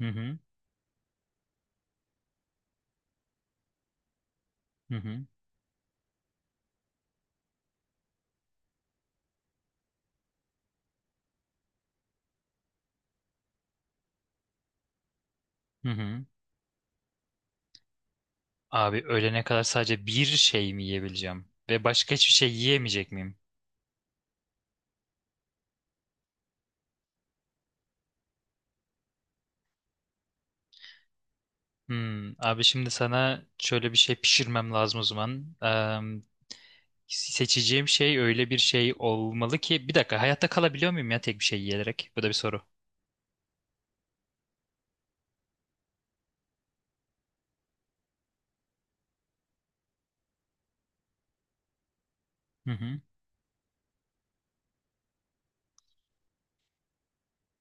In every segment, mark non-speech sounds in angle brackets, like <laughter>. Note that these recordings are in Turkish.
Hı hı. Hı hı. Hı hı. Abi ölene kadar sadece bir şey mi yiyebileceğim? Ve başka hiçbir şey yiyemeyecek miyim? Hmm, abi şimdi sana şöyle bir şey pişirmem lazım o zaman. Seçeceğim şey öyle bir şey olmalı ki bir dakika hayatta kalabiliyor muyum ya tek bir şey yiyerek? Bu da bir soru. Hı hı.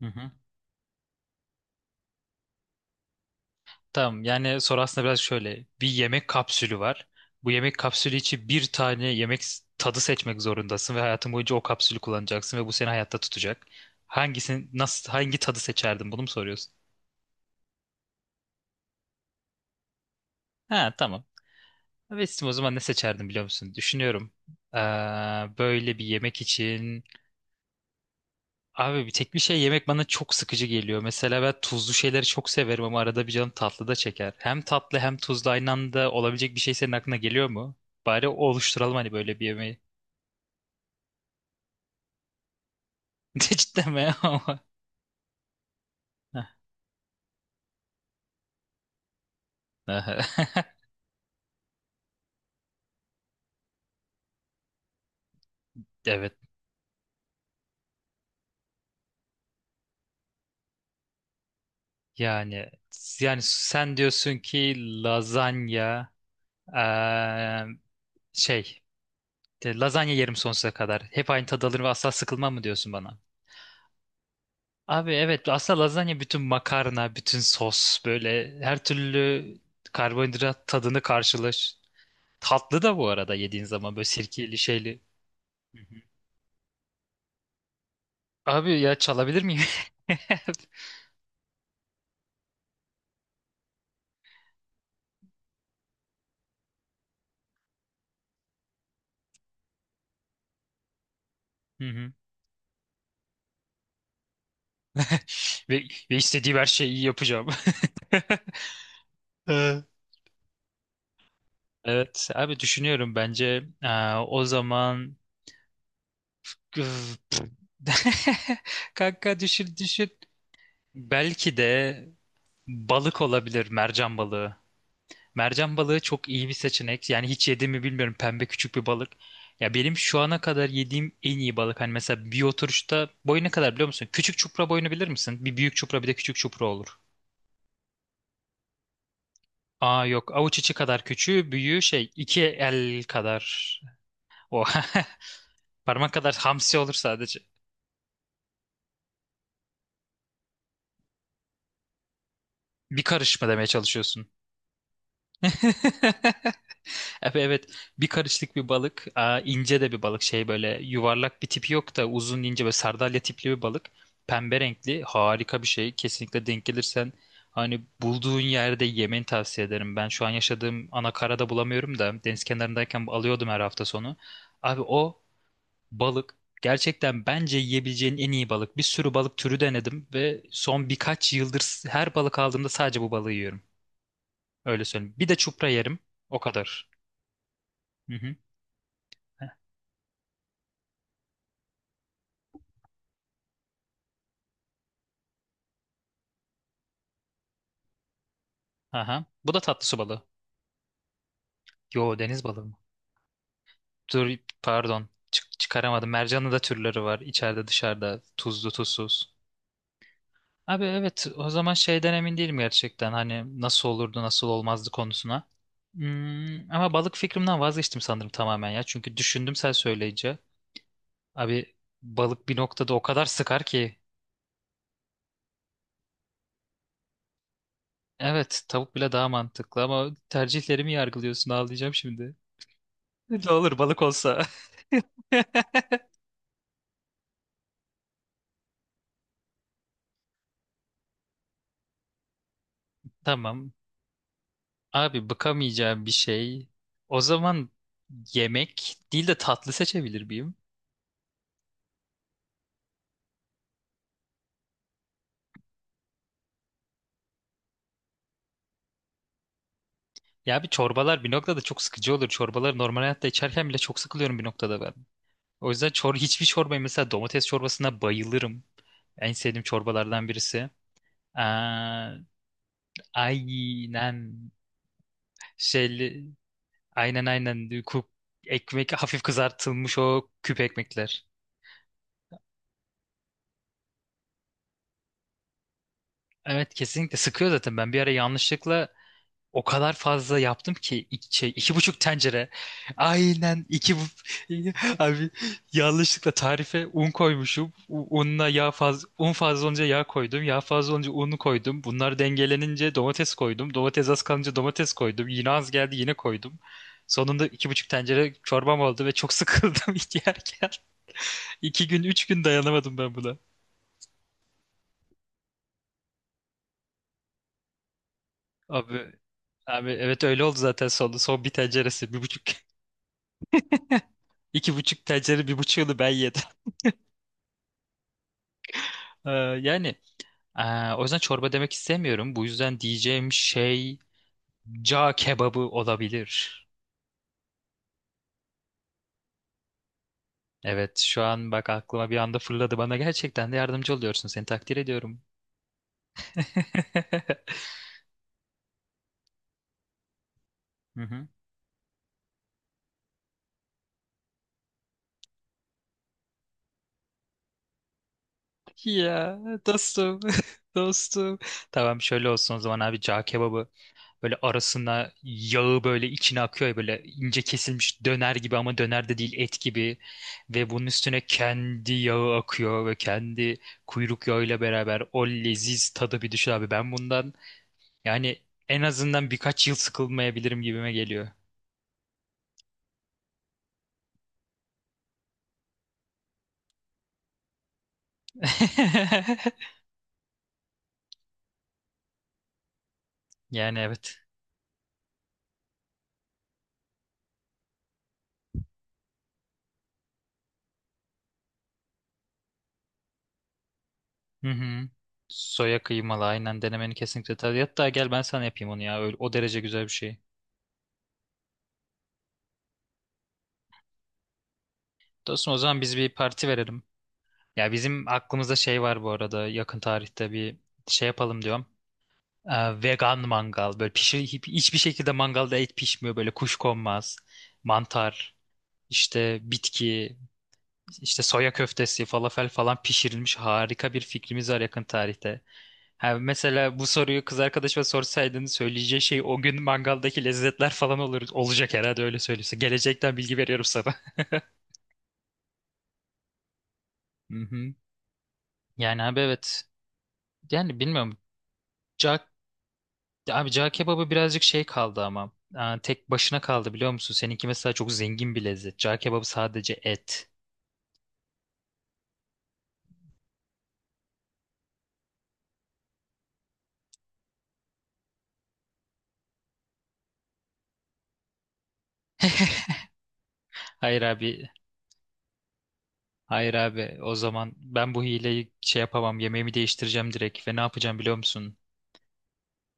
Hı hı. Tamam, yani soru aslında biraz şöyle. Bir yemek kapsülü var. Bu yemek kapsülü için bir tane yemek tadı seçmek zorundasın ve hayatın boyunca o kapsülü kullanacaksın ve bu seni hayatta tutacak. Hangisini, nasıl, hangi tadı seçerdin, bunu mu soruyorsun? Ha, tamam. Vestim, o zaman ne seçerdim biliyor musun? Düşünüyorum. Ee, Böyle bir yemek için, abi bir tek bir şey yemek bana çok sıkıcı geliyor. Mesela ben tuzlu şeyleri çok severim ama arada bir canım tatlı da çeker. Hem tatlı hem tuzlu aynı anda olabilecek bir şey senin aklına geliyor mu? Bari oluşturalım hani böyle bir yemeği. <laughs> Cidden mi ama? <laughs> Evet. Yani yani sen diyorsun ki lazanya, eee, şey, lazanya yerim sonsuza kadar. Hep aynı tadı alır ve asla sıkılmam mı diyorsun bana? Abi evet, aslında lazanya bütün makarna, bütün sos, böyle her türlü karbonhidrat tadını karşılaş. Tatlı da bu arada, yediğin zaman böyle sirkeli şeyli. Hı hı. Abi ya, çalabilir miyim? <laughs> Hı hı. Ve, ve istediğim her şeyi iyi yapacağım. <laughs> Ee. Evet abi, düşünüyorum. Bence aa, o zaman üf, pf. <laughs> Kanka, düşün. Belki de balık olabilir, mercan balığı. Mercan balığı çok iyi bir seçenek. Yani hiç yedim mi bilmiyorum. Pembe küçük bir balık. Ya benim şu ana kadar yediğim en iyi balık. Hani mesela bir oturuşta boyu ne kadar biliyor musun? Küçük çupra boyunu bilir misin? Bir büyük çupra bir de küçük çupra olur. Aa yok. Avuç içi kadar küçüğü, büyüğü şey, iki el kadar. O <laughs> parmak kadar hamsi olur sadece. Bir karış mı demeye çalışıyorsun? <laughs> <laughs> Evet, bir karışlık bir balık. Aa, ince de bir balık, şey böyle yuvarlak bir tipi yok da, uzun ince, böyle sardalya tipli bir balık, pembe renkli, harika bir şey. Kesinlikle denk gelirsen, hani bulduğun yerde yemeni tavsiye ederim. Ben şu an yaşadığım anakarada bulamıyorum da, deniz kenarındayken alıyordum her hafta sonu. Abi o balık, gerçekten bence yiyebileceğin en iyi balık. Bir sürü balık türü denedim ve son birkaç yıldır her balık aldığımda sadece bu balığı yiyorum, öyle söyleyeyim. Bir de çupra yerim o kadar. Hı hı. Aha. Bu da tatlı su balığı. Yo, deniz balığı mı? Dur, pardon. Çıkaramadım. Mercanın da türleri var. İçeride, dışarıda. Tuzlu, tuzsuz. Abi evet, o zaman şeyden emin değilim gerçekten. Hani nasıl olurdu nasıl olmazdı konusuna. Hmm, ama balık fikrimden vazgeçtim sanırım tamamen ya. Çünkü düşündüm sen söyleyince. Abi, balık bir noktada o kadar sıkar ki. Evet, tavuk bile daha mantıklı, ama tercihlerimi yargılıyorsun, ağlayacağım şimdi. <laughs> Ne olur balık olsa. <laughs> Tamam. Abi, bıkamayacağım bir şey. O zaman yemek değil de tatlı seçebilir miyim? Ya bir, çorbalar bir noktada çok sıkıcı olur. Çorbaları normal hayatta içerken bile çok sıkılıyorum bir noktada ben. O yüzden hiçbir çorbayı, mesela domates çorbasına bayılırım. En sevdiğim çorbalardan birisi. Aa, aynen, şeyli, aynen, ku- ekmek hafif kızartılmış, o küp ekmekler. Evet, kesinlikle sıkıyor zaten. Ben bir ara yanlışlıkla o kadar fazla yaptım ki, iki, şey, iki buçuk tencere. Aynen iki bu <laughs> abi, yanlışlıkla tarife un koymuşum. Unla yağ fazla, un fazla olunca yağ koydum. Yağ fazla olunca unu koydum. Bunlar dengelenince domates koydum. Domates az kalınca domates koydum. Yine az geldi, yine koydum. Sonunda iki buçuk tencere çorbam oldu ve çok sıkıldım <laughs> yerken. İki gün, üç gün dayanamadım ben buna. Abi abi evet, öyle oldu zaten. Sonunda son bir tenceresi, bir buçuk, <laughs> iki buçuk tencere, bir buçuğunu ben yedim. Ee, Yani, o yüzden çorba demek istemiyorum. Bu yüzden diyeceğim şey, ca kebabı olabilir. Evet, şu an bak, aklıma bir anda fırladı. Bana gerçekten de yardımcı oluyorsun. Seni takdir ediyorum. <laughs> Hı hı. Ya dostum, <laughs> dostum. Tamam, şöyle olsun o zaman abi. Cağ kebabı, böyle arasına yağı, böyle içine akıyor ya, böyle ince kesilmiş döner gibi ama döner de değil, et gibi. Ve bunun üstüne kendi yağı akıyor ve kendi kuyruk yağıyla beraber o leziz tadı bir düşün abi. Ben bundan, yani en azından birkaç yıl sıkılmayabilirim gibime geliyor. <laughs> Yani evet. Hı hı. Soya kıymalı, aynen denemeni kesinlikle tabii. Hatta gel ben sana yapayım onu ya. Öyle, o derece güzel bir şey. Dostum, o zaman biz bir parti verelim. Ya bizim aklımızda şey var bu arada, yakın tarihte bir şey yapalım diyorum. Vegan mangal, böyle pişir, hiçbir şekilde mangalda et pişmiyor, böyle kuş konmaz. Mantar, işte bitki, işte soya köftesi, falafel falan pişirilmiş, harika bir fikrimiz var yakın tarihte. Ha, mesela bu soruyu kız arkadaşıma sorsaydın, söyleyeceği şey o gün mangaldaki lezzetler falan olur, olacak herhalde öyle söylüyorsa. Gelecekten bilgi veriyorum sana. <laughs> Hı hı. Yani abi evet. Yani bilmiyorum. Ya abi, cağ kebabı birazcık şey kaldı ama. Aa, tek başına kaldı biliyor musun? Seninki mesela çok zengin bir lezzet. Cağ kebabı sadece et. Hayır abi. Hayır abi. O zaman ben bu hileyi şey yapamam. Yemeğimi değiştireceğim direkt. Ve ne yapacağım biliyor musun?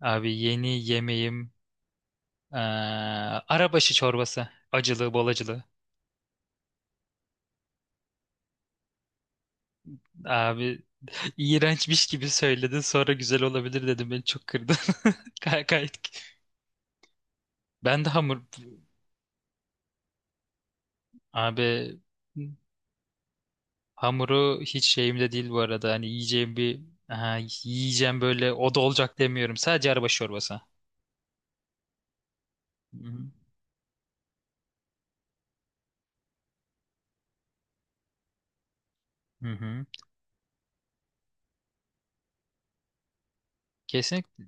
Abi yeni yemeğim eee arabaşı çorbası. Acılı, bol acılı. Abi <laughs> iğrençmiş gibi söyledin. Sonra güzel olabilir dedim. Beni çok kırdın. <laughs> Kay kay. Ben de hamur... Abi, hamuru hiç şeyimde değil bu arada. Hani yiyeceğim bir, aha, yiyeceğim böyle o da olacak demiyorum. Sadece arabaşı çorbası. Hı hı. Hı hı. Kesinlikle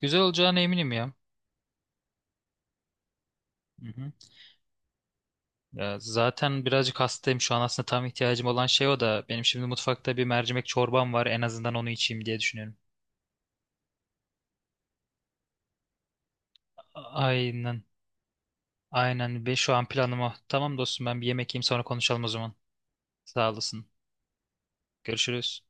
güzel olacağına eminim ya. Hı hı. Ya zaten birazcık hastayım şu an, aslında tam ihtiyacım olan şey o da. Benim şimdi mutfakta bir mercimek çorbam var. En azından onu içeyim diye düşünüyorum. Aynen. Aynen. Ve şu an planım o. Tamam dostum, ben bir yemek yiyeyim, sonra konuşalım o zaman. Sağ olasın. Görüşürüz.